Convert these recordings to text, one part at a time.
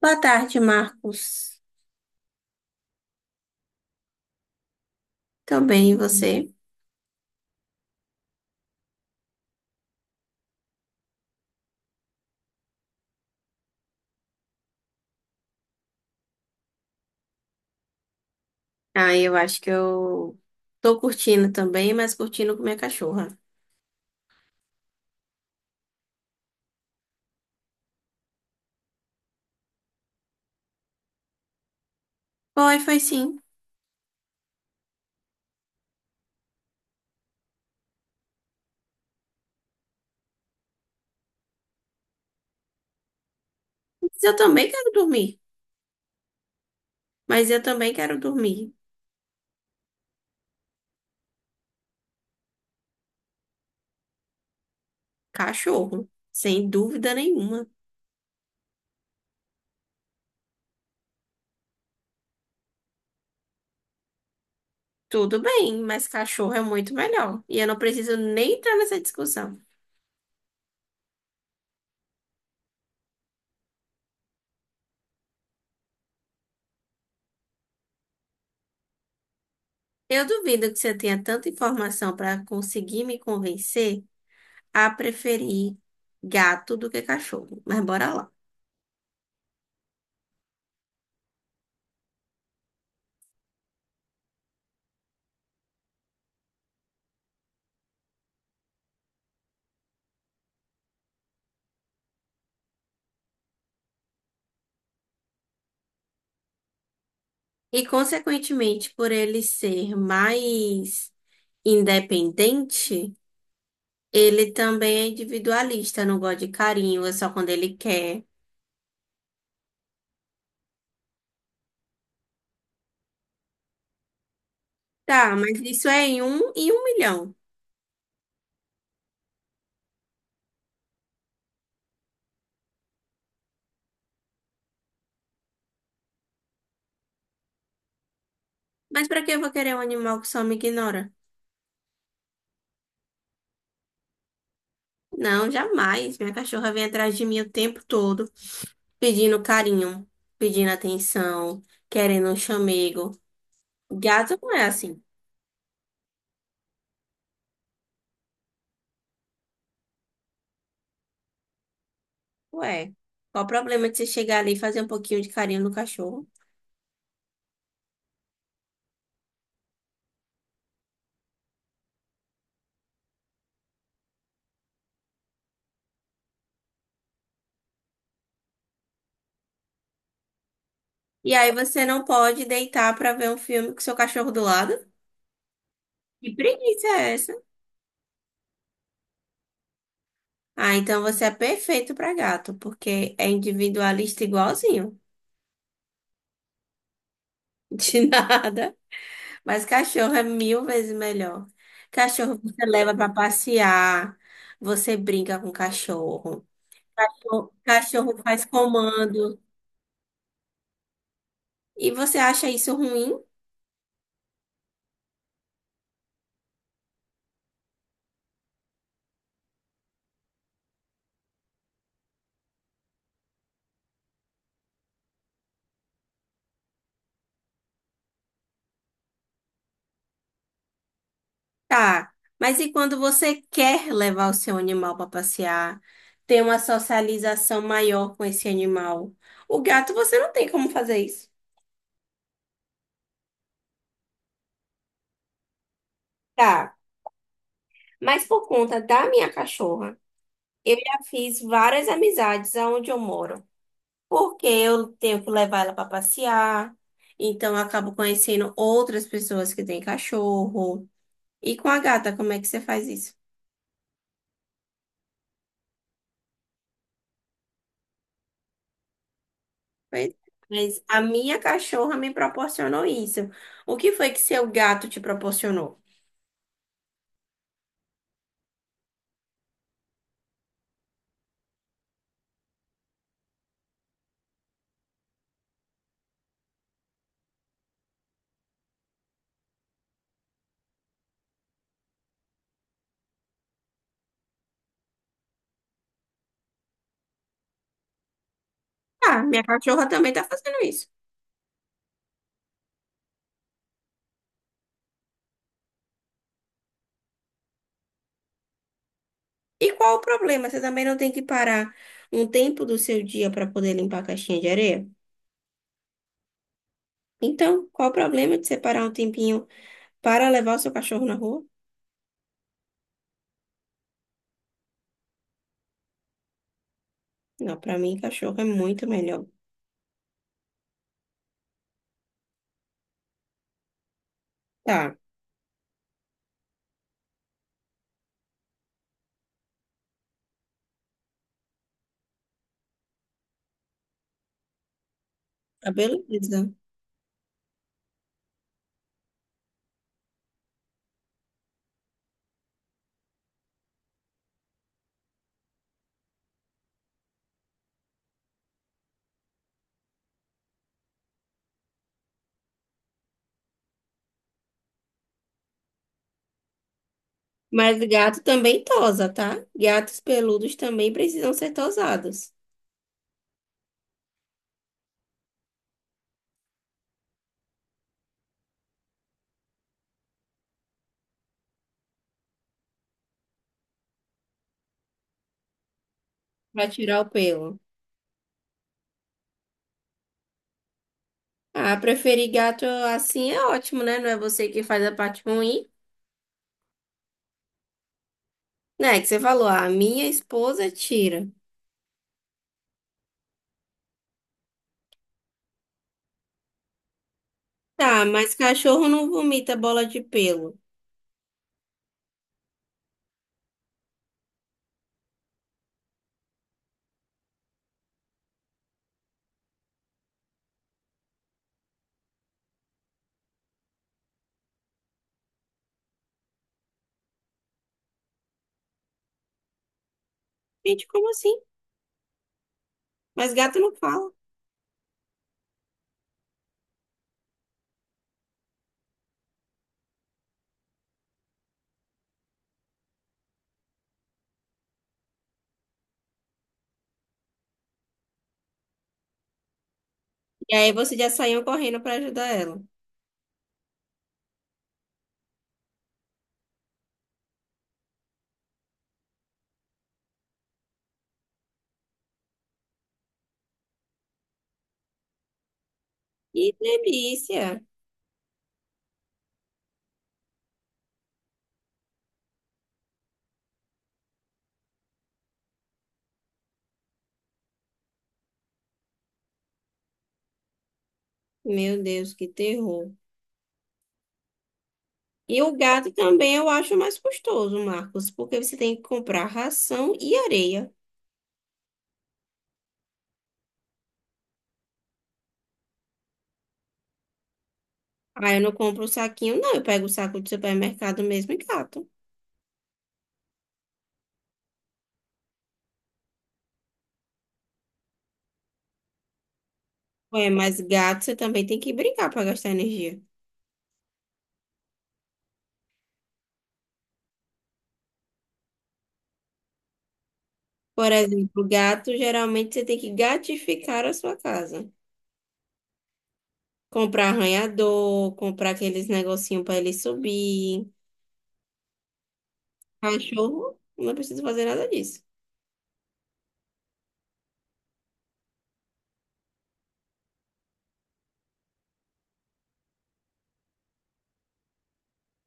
Boa tarde, Marcos. Tô bem, e você? Ah, eu acho que eu tô curtindo também, mas curtindo com minha cachorra. Foi, foi sim. Mas eu também quero dormir. Mas eu também quero dormir. Cachorro, sem dúvida nenhuma. Tudo bem, mas cachorro é muito melhor. E eu não preciso nem entrar nessa discussão. Eu duvido que você tenha tanta informação para conseguir me convencer a preferir gato do que cachorro. Mas bora lá. E, consequentemente, por ele ser mais independente, ele também é individualista, não gosta de carinho, é só quando ele quer. Tá, mas isso é em um milhão. Mas pra que eu vou querer um animal que só me ignora? Não, jamais. Minha cachorra vem atrás de mim o tempo todo, pedindo carinho, pedindo atenção, querendo um chamego. Gato não é assim. Ué, qual o problema de você chegar ali e fazer um pouquinho de carinho no cachorro? E aí você não pode deitar pra ver um filme com seu cachorro do lado? Que preguiça é essa? Ah, então você é perfeito pra gato, porque é individualista igualzinho. De nada. Mas cachorro é mil vezes melhor. Cachorro você leva pra passear, você brinca com o cachorro. O cachorro faz comando. E você acha isso ruim? Tá, mas e quando você quer levar o seu animal para passear, ter uma socialização maior com esse animal? O gato, você não tem como fazer isso. Tá, mas por conta da minha cachorra, eu já fiz várias amizades aonde eu moro, porque eu tenho que levar ela para passear, então eu acabo conhecendo outras pessoas que têm cachorro. E com a gata, como é que você faz isso? Pois é, mas a minha cachorra me proporcionou isso. O que foi que seu gato te proporcionou? Ah, minha cachorra também tá fazendo isso. E qual o problema? Você também não tem que parar um tempo do seu dia para poder limpar a caixinha de areia? Então, qual o problema de separar um tempinho para levar o seu cachorro na rua? Não, para mim, cachorro é muito melhor. Tá, tá, beleza. Mas gato também tosa, tá? Gatos peludos também precisam ser tosados para tirar o pelo. Ah, preferir gato assim é ótimo, né? Não é você que faz a parte ruim, né? Que você falou, a minha esposa tira. Tá, mas cachorro não vomita bola de pelo. Gente, como assim? Mas gato não fala. E aí você já saiu correndo pra ajudar ela. Que delícia! Meu Deus, que terror. E o gato também eu acho mais custoso, Marcos, porque você tem que comprar ração e areia. Ah, eu não compro o saquinho, não. Eu pego o saco de supermercado mesmo e gato. Ué, mas gato você também tem que brincar para gastar energia. Por exemplo, gato, geralmente você tem que gatificar a sua casa. Comprar arranhador, comprar aqueles negocinhos para ele subir. Cachorro, não precisa fazer nada disso.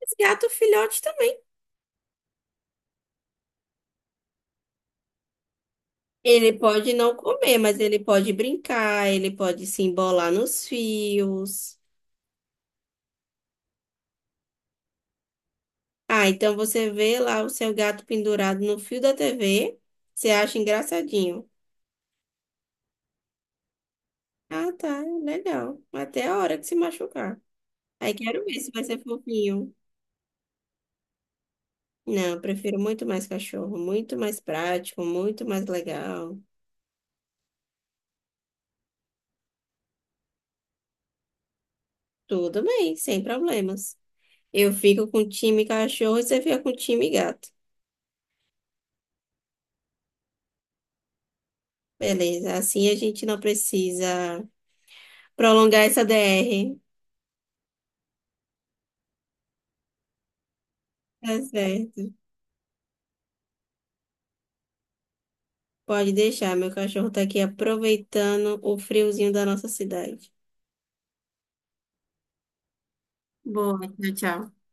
Mas gato filhote também. Ele pode não comer, mas ele pode brincar, ele pode se embolar nos fios. Ah, então você vê lá o seu gato pendurado no fio da TV, você acha engraçadinho. Ah, tá, legal. Até a hora que se machucar. Aí quero ver se vai ser fofinho. Não, eu prefiro muito mais cachorro, muito mais prático, muito mais legal. Tudo bem, sem problemas. Eu fico com o time cachorro e você fica com o time gato. Beleza, assim a gente não precisa prolongar essa DR. Tá certo. Pode deixar, meu cachorro tá aqui aproveitando o friozinho da nossa cidade. Boa, tchau, tchau.